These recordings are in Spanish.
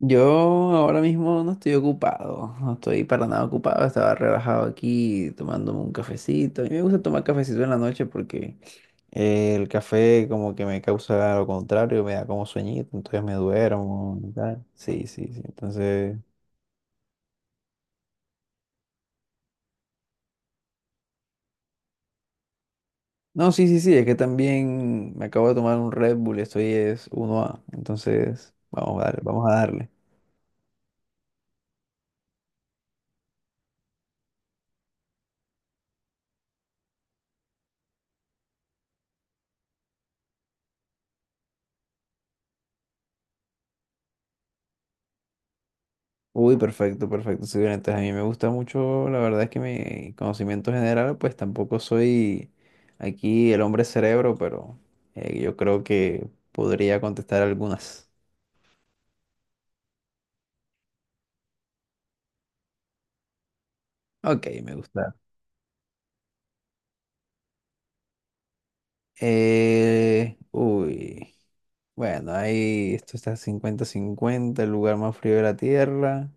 Yo ahora mismo no estoy ocupado, no estoy para nada ocupado, estaba relajado aquí tomándome un cafecito. A mí me gusta tomar cafecito en la noche porque el café como que me causa lo contrario, me da como sueñito, entonces me duermo y tal. Sí, sí, sí, entonces... No, sí, sí, sí, es que también me acabo de tomar un Red Bull, estoy es uno a entonces vamos a darle, vamos a darle. Uy, perfecto, perfecto, sí, bien, entonces a mí me gusta mucho, la verdad es que mi conocimiento general, pues tampoco soy aquí el hombre cerebro, pero yo creo que podría contestar algunas. Ok, me gusta. Uy, bueno, ahí esto está 50-50 el lugar más frío de la Tierra.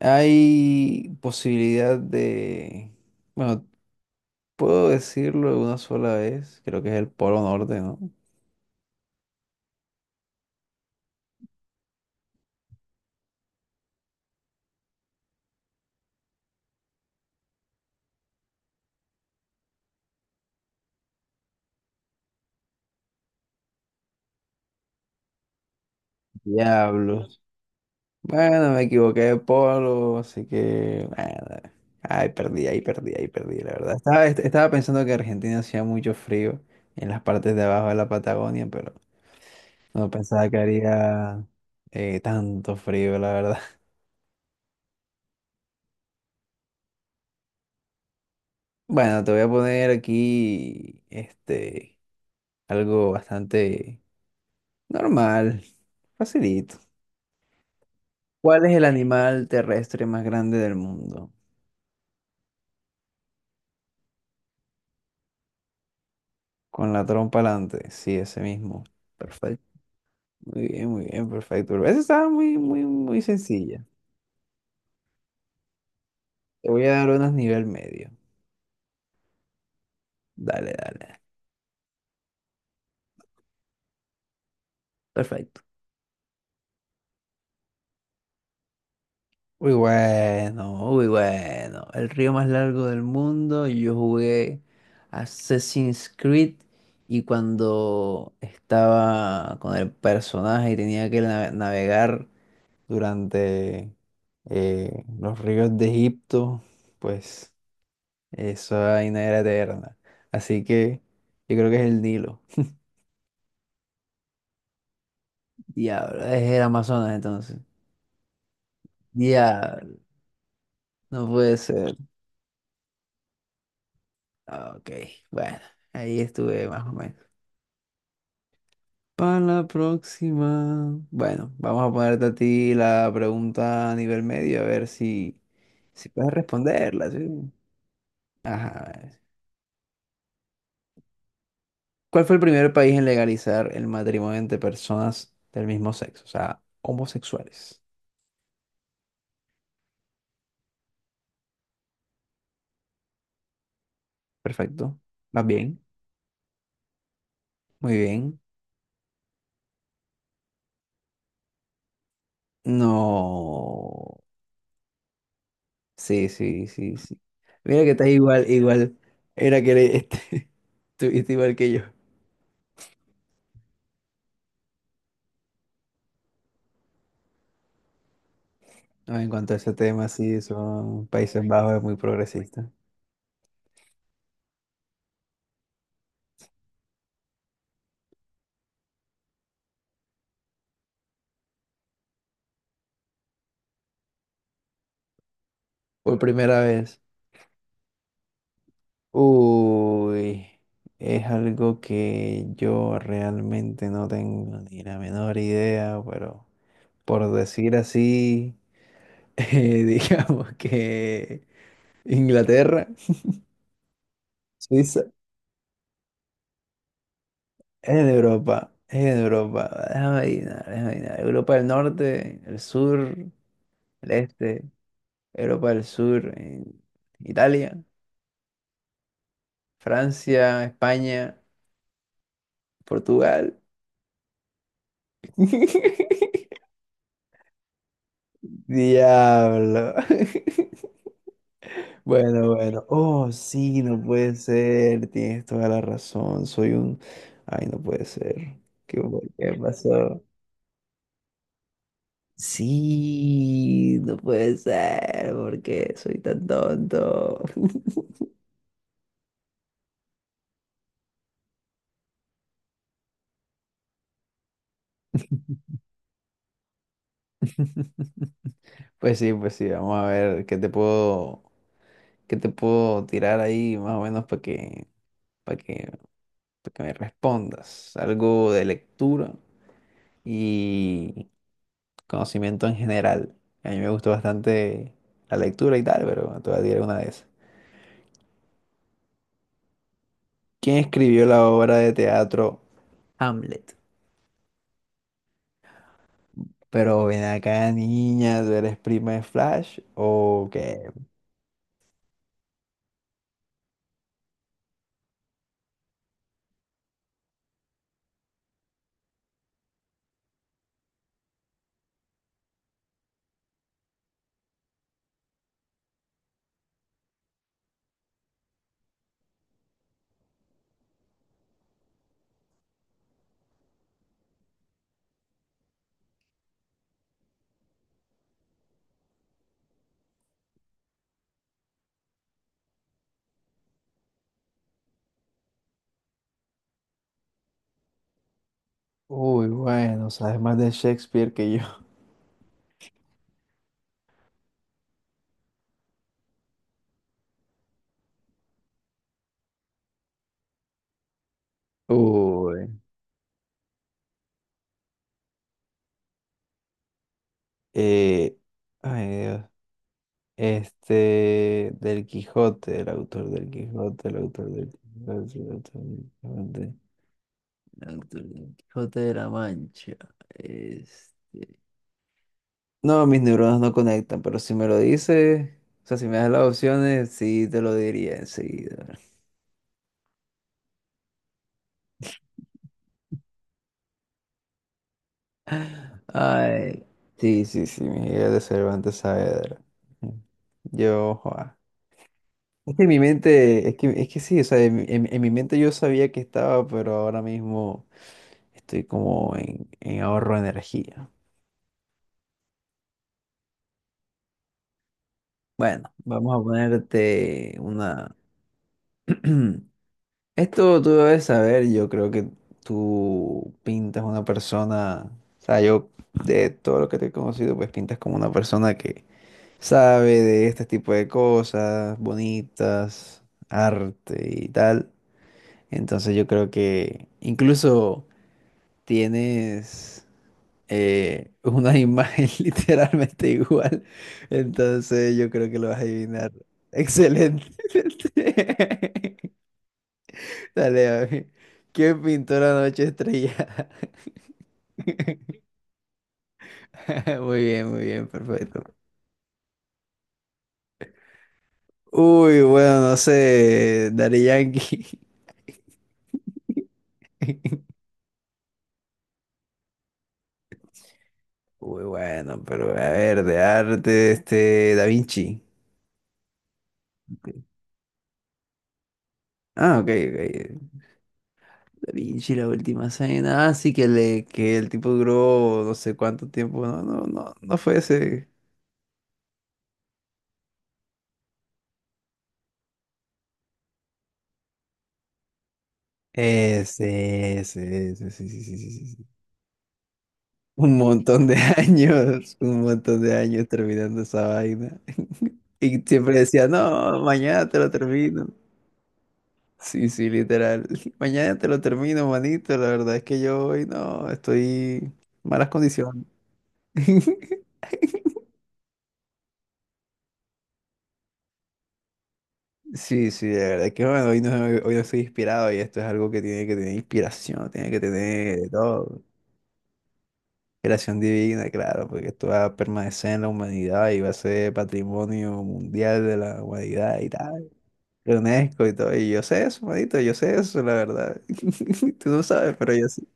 Hay posibilidad de, bueno, puedo decirlo de una sola vez, creo que es el Polo Norte, ¿no? Diablos. Bueno, me equivoqué de polo, así que nada. Ay, perdí, ahí perdí, ahí perdí, la verdad. Estaba pensando que Argentina hacía mucho frío en las partes de abajo de la Patagonia, pero no pensaba que haría tanto frío, la verdad. Bueno, te voy a poner aquí este algo bastante normal, facilito. ¿Cuál es el animal terrestre más grande del mundo? Con la trompa alante, sí, ese mismo. Muy bien, perfecto. Esa estaba muy, muy, muy sencilla. Te voy a dar unas nivel medio. Dale, dale. Perfecto. Muy bueno, muy bueno. El río más largo del mundo. Yo jugué Assassin's Creed y cuando estaba con el personaje y tenía que navegar durante los ríos de Egipto, pues esa vaina era eterna. Así que yo creo que es el Nilo. Diablo, es el Amazonas entonces. Diablo, no puede ser. Ah, ok, bueno, ahí estuve más o menos. Para la próxima. Bueno, vamos a ponerte a ti la pregunta a nivel medio, a ver si, si puedes responderla, ¿sí? Ajá. A ver. ¿Cuál fue el primer país en legalizar el matrimonio entre personas del mismo sexo? O sea, homosexuales. Perfecto. ¿Vas bien? Muy bien. No. Sí, sí, sí, sí. Mira que estás igual, igual. Era que eres, este, estuviste igual que yo. No, en cuanto a ese tema, sí, son Países Bajos es muy progresista. Por primera vez. Uy, es algo que yo realmente no tengo ni la menor idea, pero por decir así, digamos que Inglaterra, Suiza. Es de Europa, es de Europa. Déjame adivinar, déjame adivinar. Europa del Norte, el sur, el este, Europa del Sur, Italia, Francia, España, Portugal. Diablo. Bueno, bueno. Oh, sí, no puede ser. Tienes toda la razón. Soy un... Ay, no puede ser. ¿Qué, qué pasó? Sí, no puede ser, porque soy tan tonto. Pues sí, vamos a ver qué te puedo, tirar ahí más o menos para que, para que, me respondas. Algo de lectura y conocimiento en general. A mí me gustó bastante la lectura y tal, pero te voy a tirar una de esas. ¿Quién escribió la obra de teatro Hamlet? Pero ven acá, niña, ¿tú eres prima de Flash o qué? Uy, bueno, sabes más de Shakespeare que yo. Uy. Eh, ay, Dios. Este, del Quijote, el autor del Quijote, el autor del Quijote, el autor del Quijote, el autor del Quijote de la Mancha. Es... No, mis neuronas no conectan, pero si me lo dices, o sea, si me das las opciones, sí te lo diría enseguida. Ay, sí, sí, sí, Miguel de Cervantes Saavedra. Yo, joa. Es que en mi mente, es que sí, o sea, en, en mi mente yo sabía que estaba, pero ahora mismo. Estoy como en, ahorro de energía. Bueno, vamos a ponerte una... Esto tú debes saber, yo creo que tú pintas una persona, o sea, yo de todo lo que te he conocido, pues pintas como una persona que sabe de este tipo de cosas bonitas, arte y tal. Entonces yo creo que incluso tienes una imagen literalmente igual. Entonces yo creo que lo vas a adivinar. Excelente. Dale, a ¿qué pintó la noche estrellada? Muy bien, perfecto. Uy, bueno, no sé, Daddy Yankee. Uy, bueno, pero a ver, de arte, este, Da Vinci. Ah, ok, ok. Da Vinci, la última cena. Ah, sí, que, le, que el tipo duró no sé cuánto tiempo. No, no, no, no fue ese. Ese, sí, sí, sí, sí, sí, sí. Un montón de años, un montón de años terminando esa vaina. Y siempre decía, no, mañana te lo termino. Sí, sí, literal. Mañana te lo termino, manito. La verdad es que yo hoy no, estoy en malas condiciones. Sí, sí, de verdad que bueno, hoy no estoy inspirado y esto es algo que tiene que tener inspiración, tiene que tener de todo, creación divina, claro, porque esto va a permanecer en la humanidad y va a ser patrimonio mundial de la humanidad y tal, de UNESCO y todo, y yo sé eso, manito, yo sé eso, la verdad. Tú no sabes, pero yo sí.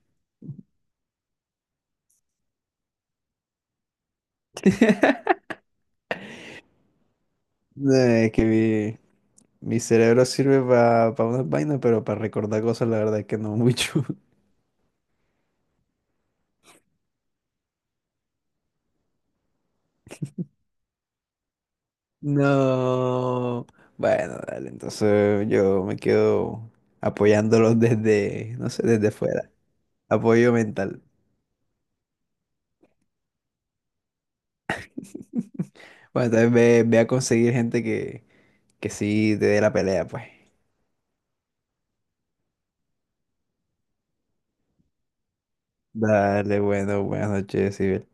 No, es que mi cerebro sirve para unas vainas, pero para recordar cosas, la verdad es que no mucho. No. Bueno, dale, entonces yo me quedo apoyándolos desde, no sé, desde fuera. Apoyo mental. Bueno, entonces ve a conseguir gente que sí te dé la pelea, pues. Dale, bueno, buenas noches, Sibel.